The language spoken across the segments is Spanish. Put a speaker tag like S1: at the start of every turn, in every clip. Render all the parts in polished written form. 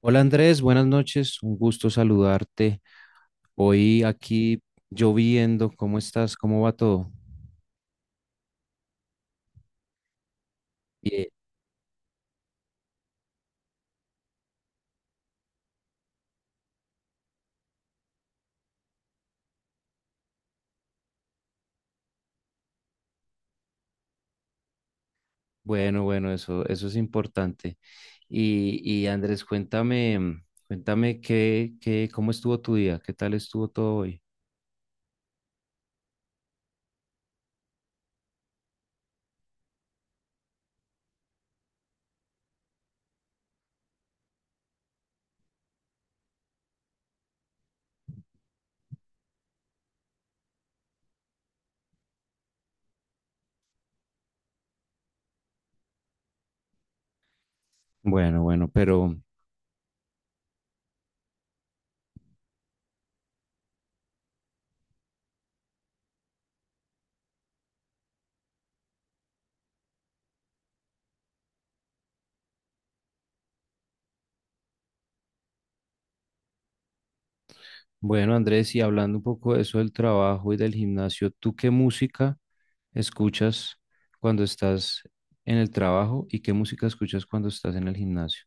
S1: Hola Andrés, buenas noches, un gusto saludarte. Hoy aquí lloviendo, ¿cómo estás? ¿Cómo va todo? Bien. Bueno, bueno, eso es importante. Y Andrés, cuéntame, cuéntame cómo estuvo tu día, qué tal estuvo todo hoy. Bueno, bueno, pero bueno, Andrés, y hablando un poco de eso del trabajo y del gimnasio, ¿tú qué música escuchas cuando estás en el trabajo y qué música escuchas cuando estás en el gimnasio?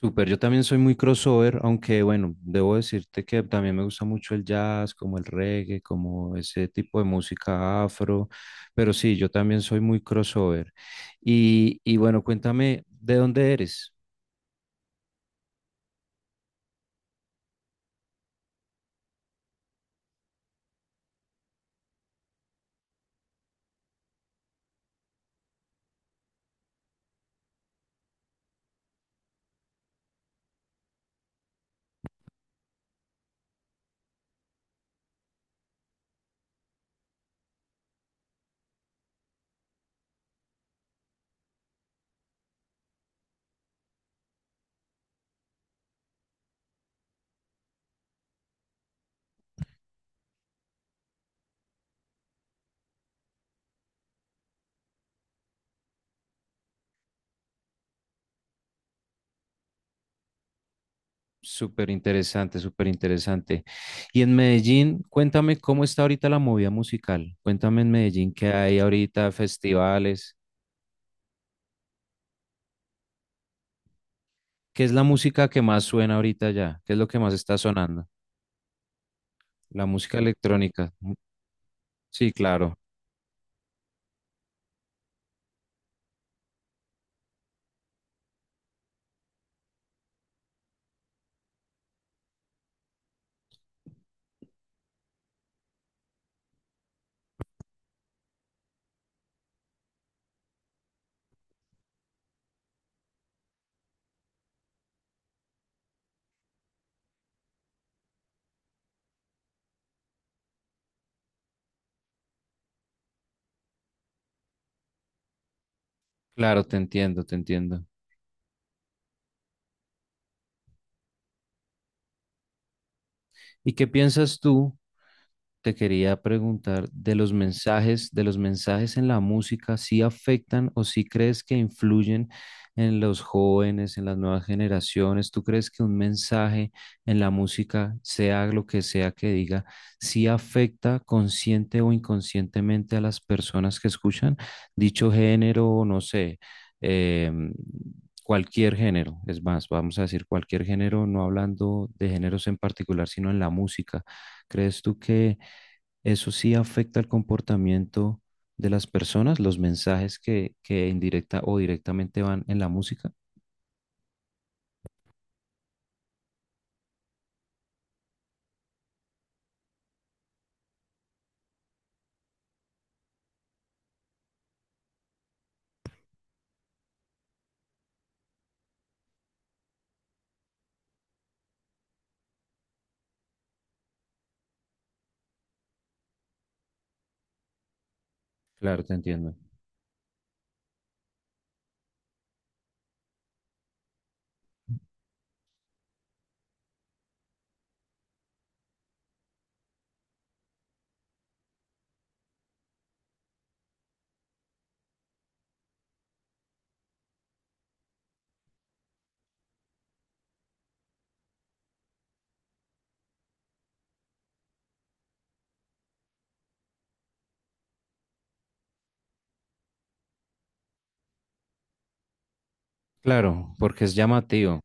S1: Súper, yo también soy muy crossover, aunque bueno, debo decirte que también me gusta mucho el jazz, como el reggae, como ese tipo de música afro, pero sí, yo también soy muy crossover. Y bueno, cuéntame, ¿de dónde eres? Súper interesante, súper interesante. Y en Medellín, cuéntame cómo está ahorita la movida musical. Cuéntame en Medellín qué hay ahorita, festivales, qué es la música que más suena ahorita ya, qué es lo que más está sonando, la música electrónica. Sí, claro. Claro, te entiendo, te entiendo. ¿Y qué piensas tú? Te quería preguntar de los mensajes en la música, si afectan o si crees que influyen en los jóvenes, en las nuevas generaciones. ¿Tú crees que un mensaje en la música, sea lo que sea que diga, si afecta consciente o inconscientemente a las personas que escuchan dicho género, no sé, em, cualquier género? Es más, vamos a decir cualquier género, no hablando de géneros en particular, sino en la música. ¿Crees tú que eso sí afecta el comportamiento de las personas, los mensajes que indirecta o directamente van en la música? Claro, te entiendo. Claro, porque es llamativo.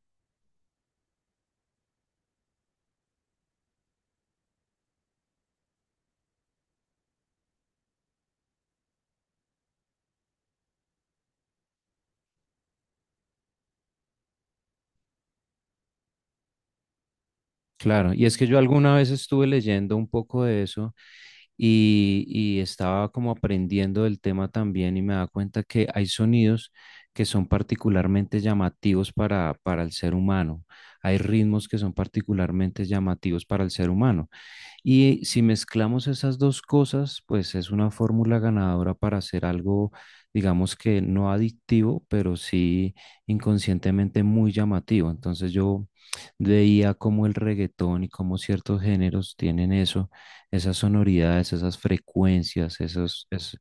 S1: Claro, y es que yo alguna vez estuve leyendo un poco de eso y estaba como aprendiendo del tema también y me da cuenta que hay sonidos que son particularmente llamativos para el ser humano, hay ritmos que son particularmente llamativos para el ser humano. Y si mezclamos esas dos cosas, pues es una fórmula ganadora para hacer algo, digamos que no adictivo, pero sí inconscientemente muy llamativo. Entonces yo veía cómo el reggaetón y cómo ciertos géneros tienen eso, esas sonoridades, esas frecuencias,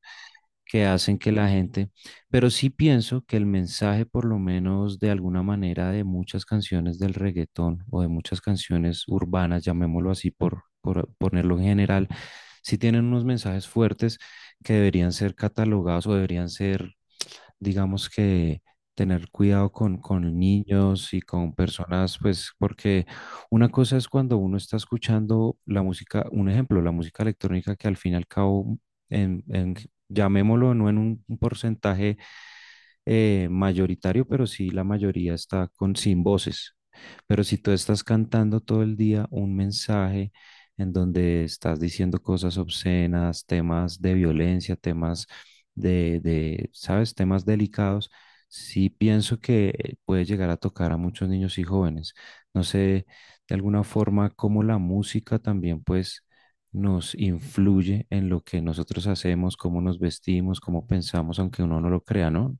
S1: que hacen que la gente, pero sí pienso que el mensaje, por lo menos de alguna manera, de muchas canciones del reggaetón o de muchas canciones urbanas, llamémoslo así por ponerlo en general, sí tienen unos mensajes fuertes que deberían ser catalogados o deberían ser digamos que tener cuidado con niños y con personas, pues porque una cosa es cuando uno está escuchando la música, un ejemplo, la música electrónica que al fin y al cabo, en, en- llamémoslo no en un porcentaje mayoritario, pero sí la mayoría está con sin voces. Pero si tú estás cantando todo el día un mensaje en donde estás diciendo cosas obscenas, temas de violencia, temas ¿sabes? Temas delicados, sí pienso que puede llegar a tocar a muchos niños y jóvenes. No sé, de alguna forma, cómo la música también, pues, nos influye en lo que nosotros hacemos, cómo nos vestimos, cómo pensamos, aunque uno no lo crea, ¿no?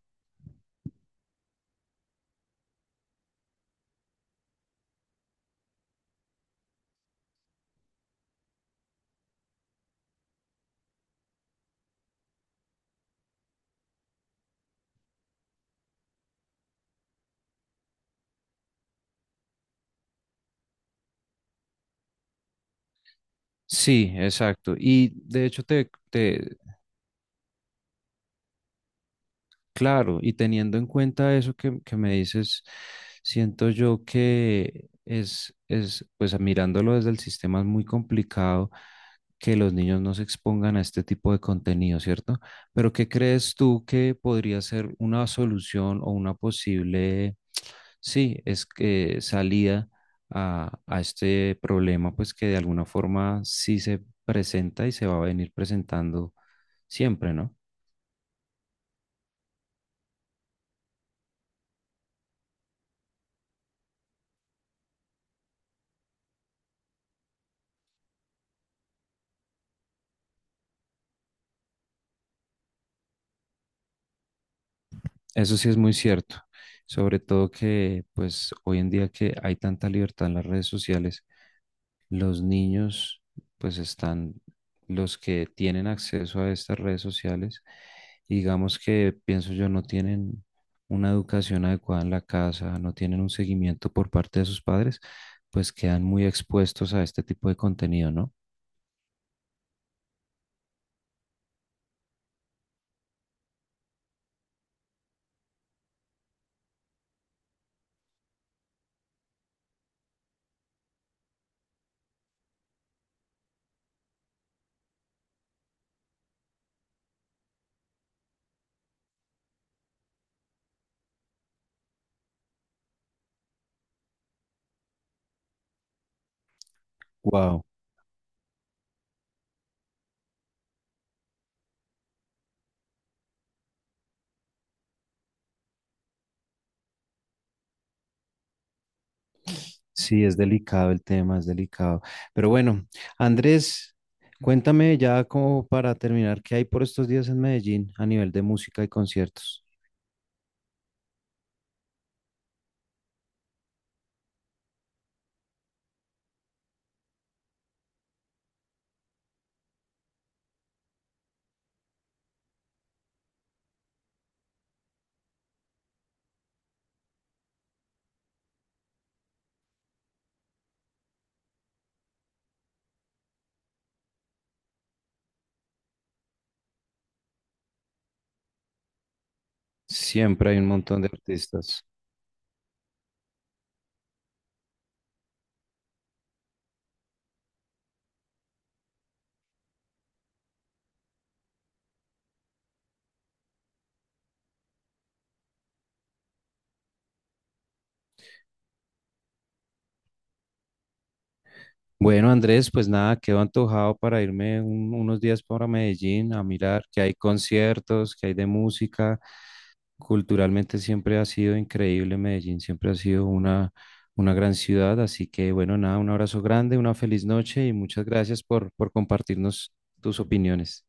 S1: Sí, exacto. Y de hecho claro, y teniendo en cuenta eso que me dices, siento yo que pues mirándolo desde el sistema es muy complicado que los niños no se expongan a este tipo de contenido, ¿cierto? Pero ¿qué crees tú que podría ser una solución o una posible, sí, es que salida a este problema, pues que de alguna forma sí se presenta y se va a venir presentando siempre, ¿no? Eso sí es muy cierto, sobre todo que pues hoy en día que hay tanta libertad en las redes sociales, los niños pues están, los que tienen acceso a estas redes sociales, digamos que pienso yo no tienen una educación adecuada en la casa, no tienen un seguimiento por parte de sus padres, pues quedan muy expuestos a este tipo de contenido, ¿no? Wow. Sí, es delicado el tema, es delicado. Pero bueno, Andrés, cuéntame ya como para terminar, ¿qué hay por estos días en Medellín a nivel de música y conciertos? Siempre hay un montón de artistas. Bueno, Andrés, pues nada, quedo antojado para irme un- unos días para Medellín a mirar qué hay conciertos, qué hay de música. Culturalmente siempre ha sido increíble Medellín, siempre ha sido una gran ciudad, así que bueno, nada, un abrazo grande, una feliz noche y muchas gracias por compartirnos tus opiniones.